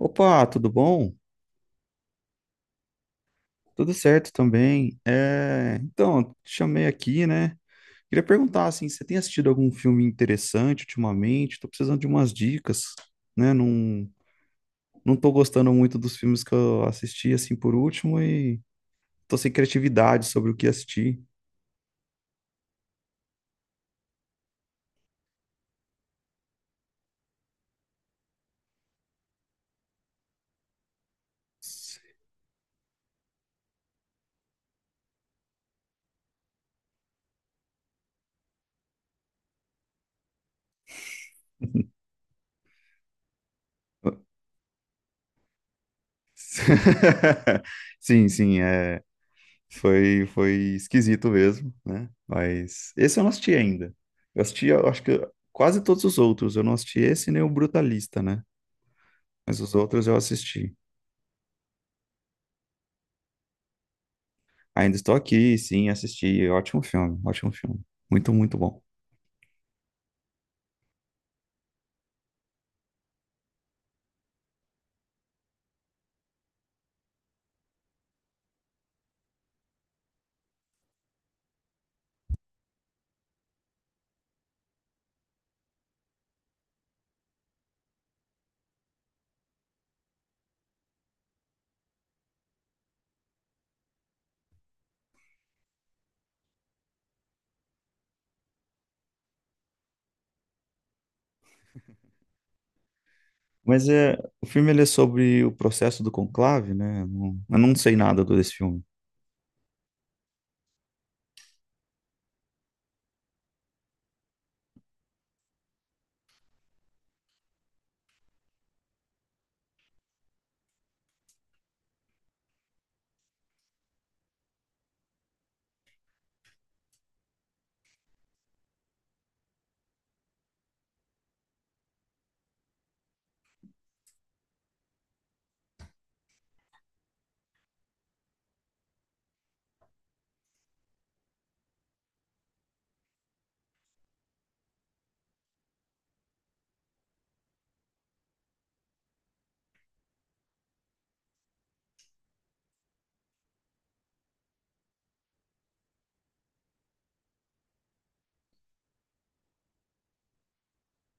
Opa, tudo bom? Tudo certo também. Então, te chamei aqui, né? Queria perguntar assim, você tem assistido algum filme interessante ultimamente? Tô precisando de umas dicas, né? Não, não tô gostando muito dos filmes que eu assisti assim por último e tô sem criatividade sobre o que assistir. Sim, sim, é. Foi esquisito mesmo, né? Mas esse eu não assisti ainda. Eu acho que quase todos os outros. Eu não assisti esse nem o Brutalista, né? Mas os outros eu assisti. Ainda estou aqui, sim, assisti. Ótimo filme, ótimo filme. Muito, muito bom. Mas é, o filme ele é sobre o processo do conclave, né? Eu não sei nada desse filme.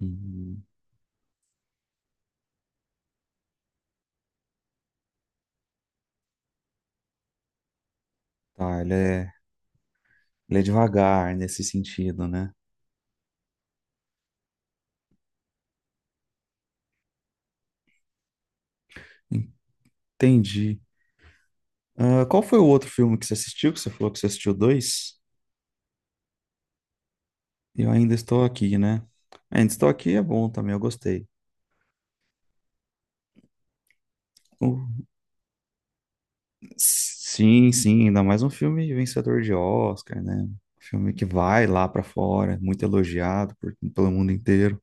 Hum, tá, ele é devagar nesse sentido, né? Entendi. Ah, qual foi o outro filme que você assistiu? Que você falou que você assistiu dois? Eu ainda estou aqui, né? Ainda estou aqui é bom também, eu gostei. O- Sim, sim, ainda mais um filme vencedor de Oscar, né? Um filme que vai lá pra fora, muito elogiado pelo mundo inteiro.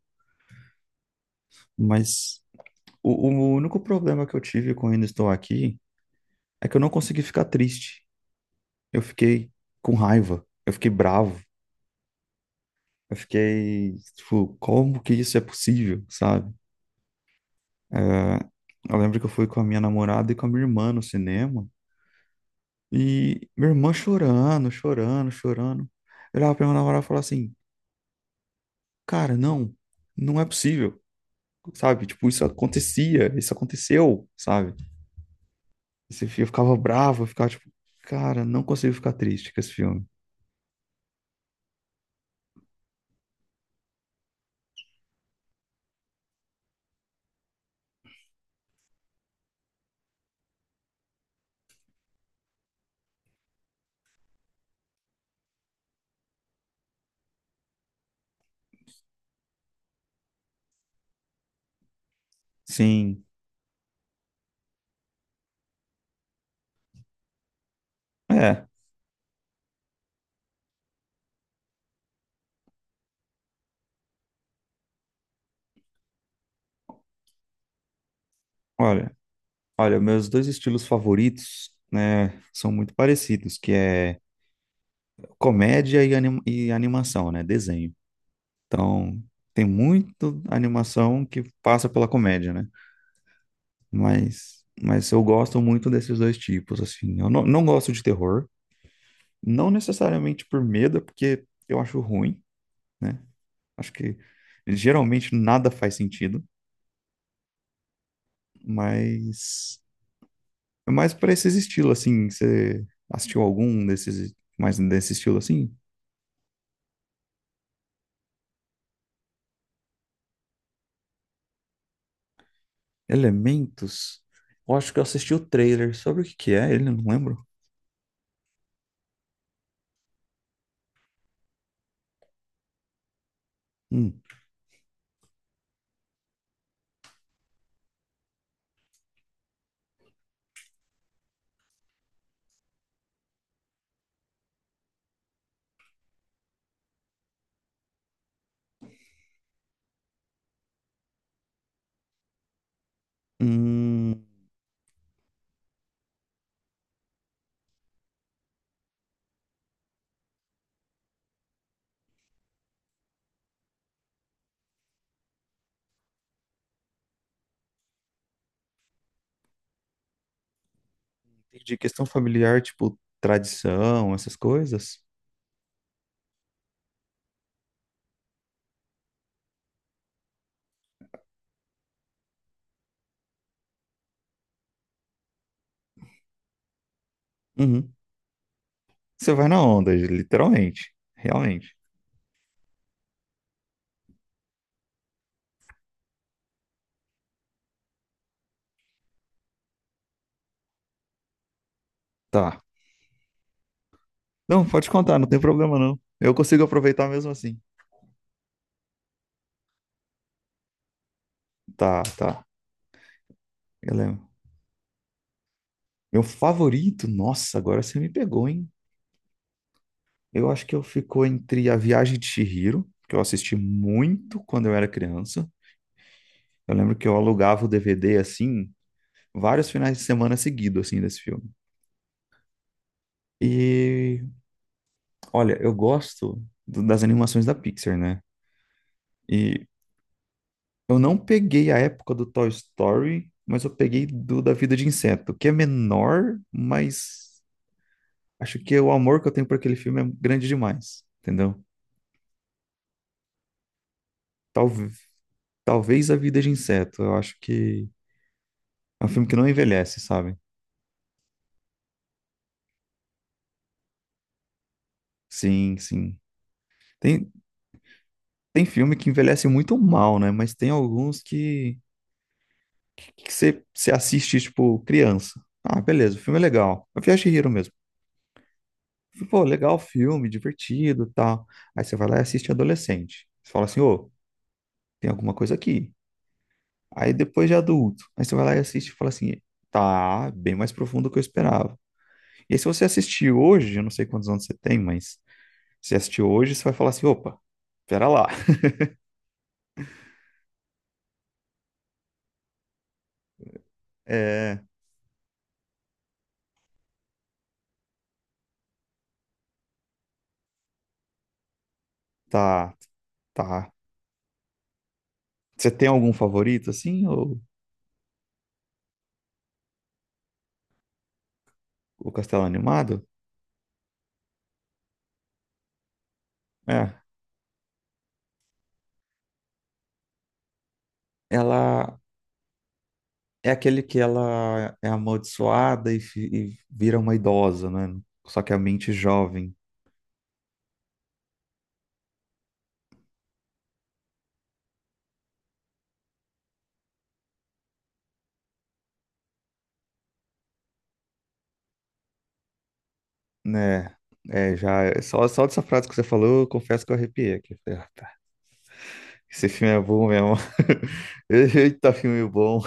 Mas o único problema que eu tive com Ainda Estou Aqui é que eu não consegui ficar triste. Eu fiquei com raiva, eu fiquei bravo, eu fiquei, tipo, como que isso é possível, sabe? É, eu lembro que eu fui com a minha namorada e com a minha irmã no cinema. E minha irmã chorando, chorando, chorando. Eu olhava pra minha namorada e falava assim, cara, não, não é possível, sabe? Tipo, isso acontecia, isso aconteceu, sabe? Esse filme eu ficava bravo, eu ficava tipo, cara, não consigo ficar triste com esse filme. Sim, é, olha, olha, meus dois estilos favoritos, né, são muito parecidos, que é comédia e animação, né, desenho. Então, tem muito animação que passa pela comédia, né? Mas eu gosto muito desses dois tipos, assim. Eu não, não gosto de terror, não necessariamente por medo, porque eu acho ruim, né? Acho que geralmente nada faz sentido, mas é mais para esses estilos, assim. Você assistiu algum desses, mais desse estilo, assim? Elementos? Eu acho que eu assisti o trailer. Sobre o que que é ele, eu não lembro. Hum. Hum, de questão familiar, tipo, tradição, essas coisas. Uhum. Você vai na onda, literalmente. Realmente. Tá. Não, pode contar, não tem problema não. Eu consigo aproveitar mesmo assim. Tá, tá. Eu lembro. Meu favorito, nossa, agora você me pegou, hein? Eu acho que eu ficou entre A Viagem de Chihiro, que eu assisti muito quando eu era criança. Eu lembro que eu alugava o DVD assim, vários finais de semana seguidos, assim, desse filme. E, olha, eu gosto das animações da Pixar, né? E eu não peguei a época do Toy Story, mas eu peguei do Da Vida de Inseto, que é menor, mas acho que o amor que eu tenho por aquele filme é grande demais, entendeu? Talve- talvez A Vida de Inseto, eu acho que é um filme que não envelhece, sabe? Sim, sim. Tem, tem filme que envelhece muito mal, né? Mas tem alguns que você assiste, tipo, criança. Ah, beleza, o filme é legal. A Viagem de Hiro mesmo. Pô, legal o filme, divertido e tal. Aí você vai lá e assiste adolescente. Você fala assim, ô, tem alguma coisa aqui. Aí depois de adulto, aí você vai lá e assiste e fala assim, tá bem mais profundo do que eu esperava. E aí, se você assistir hoje, eu não sei quantos anos você tem, mas se assistir hoje, você vai falar assim, opa, pera lá. É, tá, tá. Você tem algum favorito, assim, ou o Castelo Animado? É, ela é aquele que ela é amaldiçoada e vira uma idosa, né? Só que a mente jovem, né? É, já, só, só dessa frase que você falou, eu confesso que eu arrepiei aqui. Esse filme é bom mesmo. Eita, filme bom.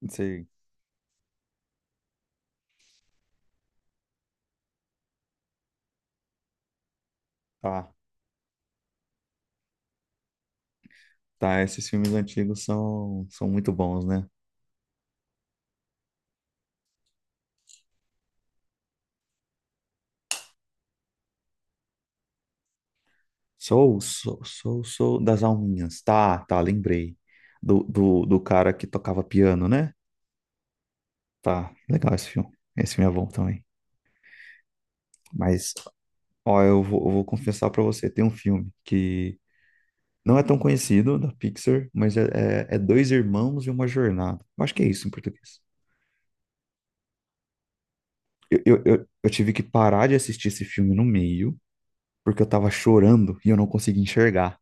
Não sei. Tá, tá. Esses filmes antigos são, são muito bons, né? Sou, sou, sou, sou das alminhas. Tá, tá, lembrei. Do, do, do cara que tocava piano, né? Tá, legal esse filme. Esse filme é bom também. Mas, ó, eu vou confessar pra você, tem um filme que não é tão conhecido, da Pixar, mas é Dois Irmãos e Uma Jornada. Eu acho que é isso em português. Eu tive que parar de assistir esse filme no meio, porque eu tava chorando e eu não conseguia enxergar.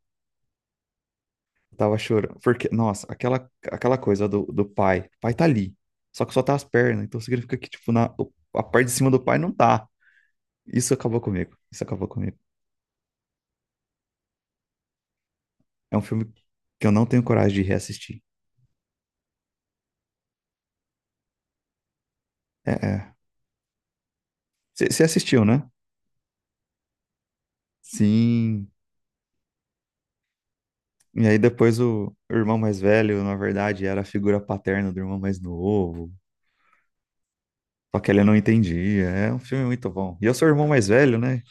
Eu tava chorando, porque, nossa, aquela coisa do pai. O pai tá ali, só que só tá as pernas, então significa que, tipo, na, a parte de cima do pai não tá. Isso acabou comigo, isso acabou comigo. É um filme que eu não tenho coragem de reassistir. É, é. Você assistiu, né? Sim. E aí depois o irmão mais velho, na verdade, era a figura paterna do irmão mais novo. Só que ele não entendia. É um filme muito bom. E eu sou o irmão mais velho, né?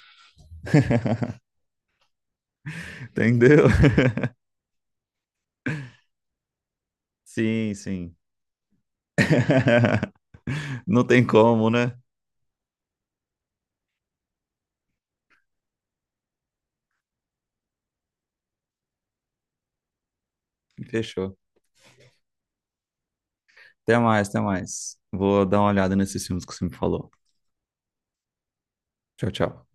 Entendeu? Sim, sim. Não tem como, né? Fechou. Até mais, até mais. Vou dar uma olhada nesses filmes que você me falou. Tchau, tchau.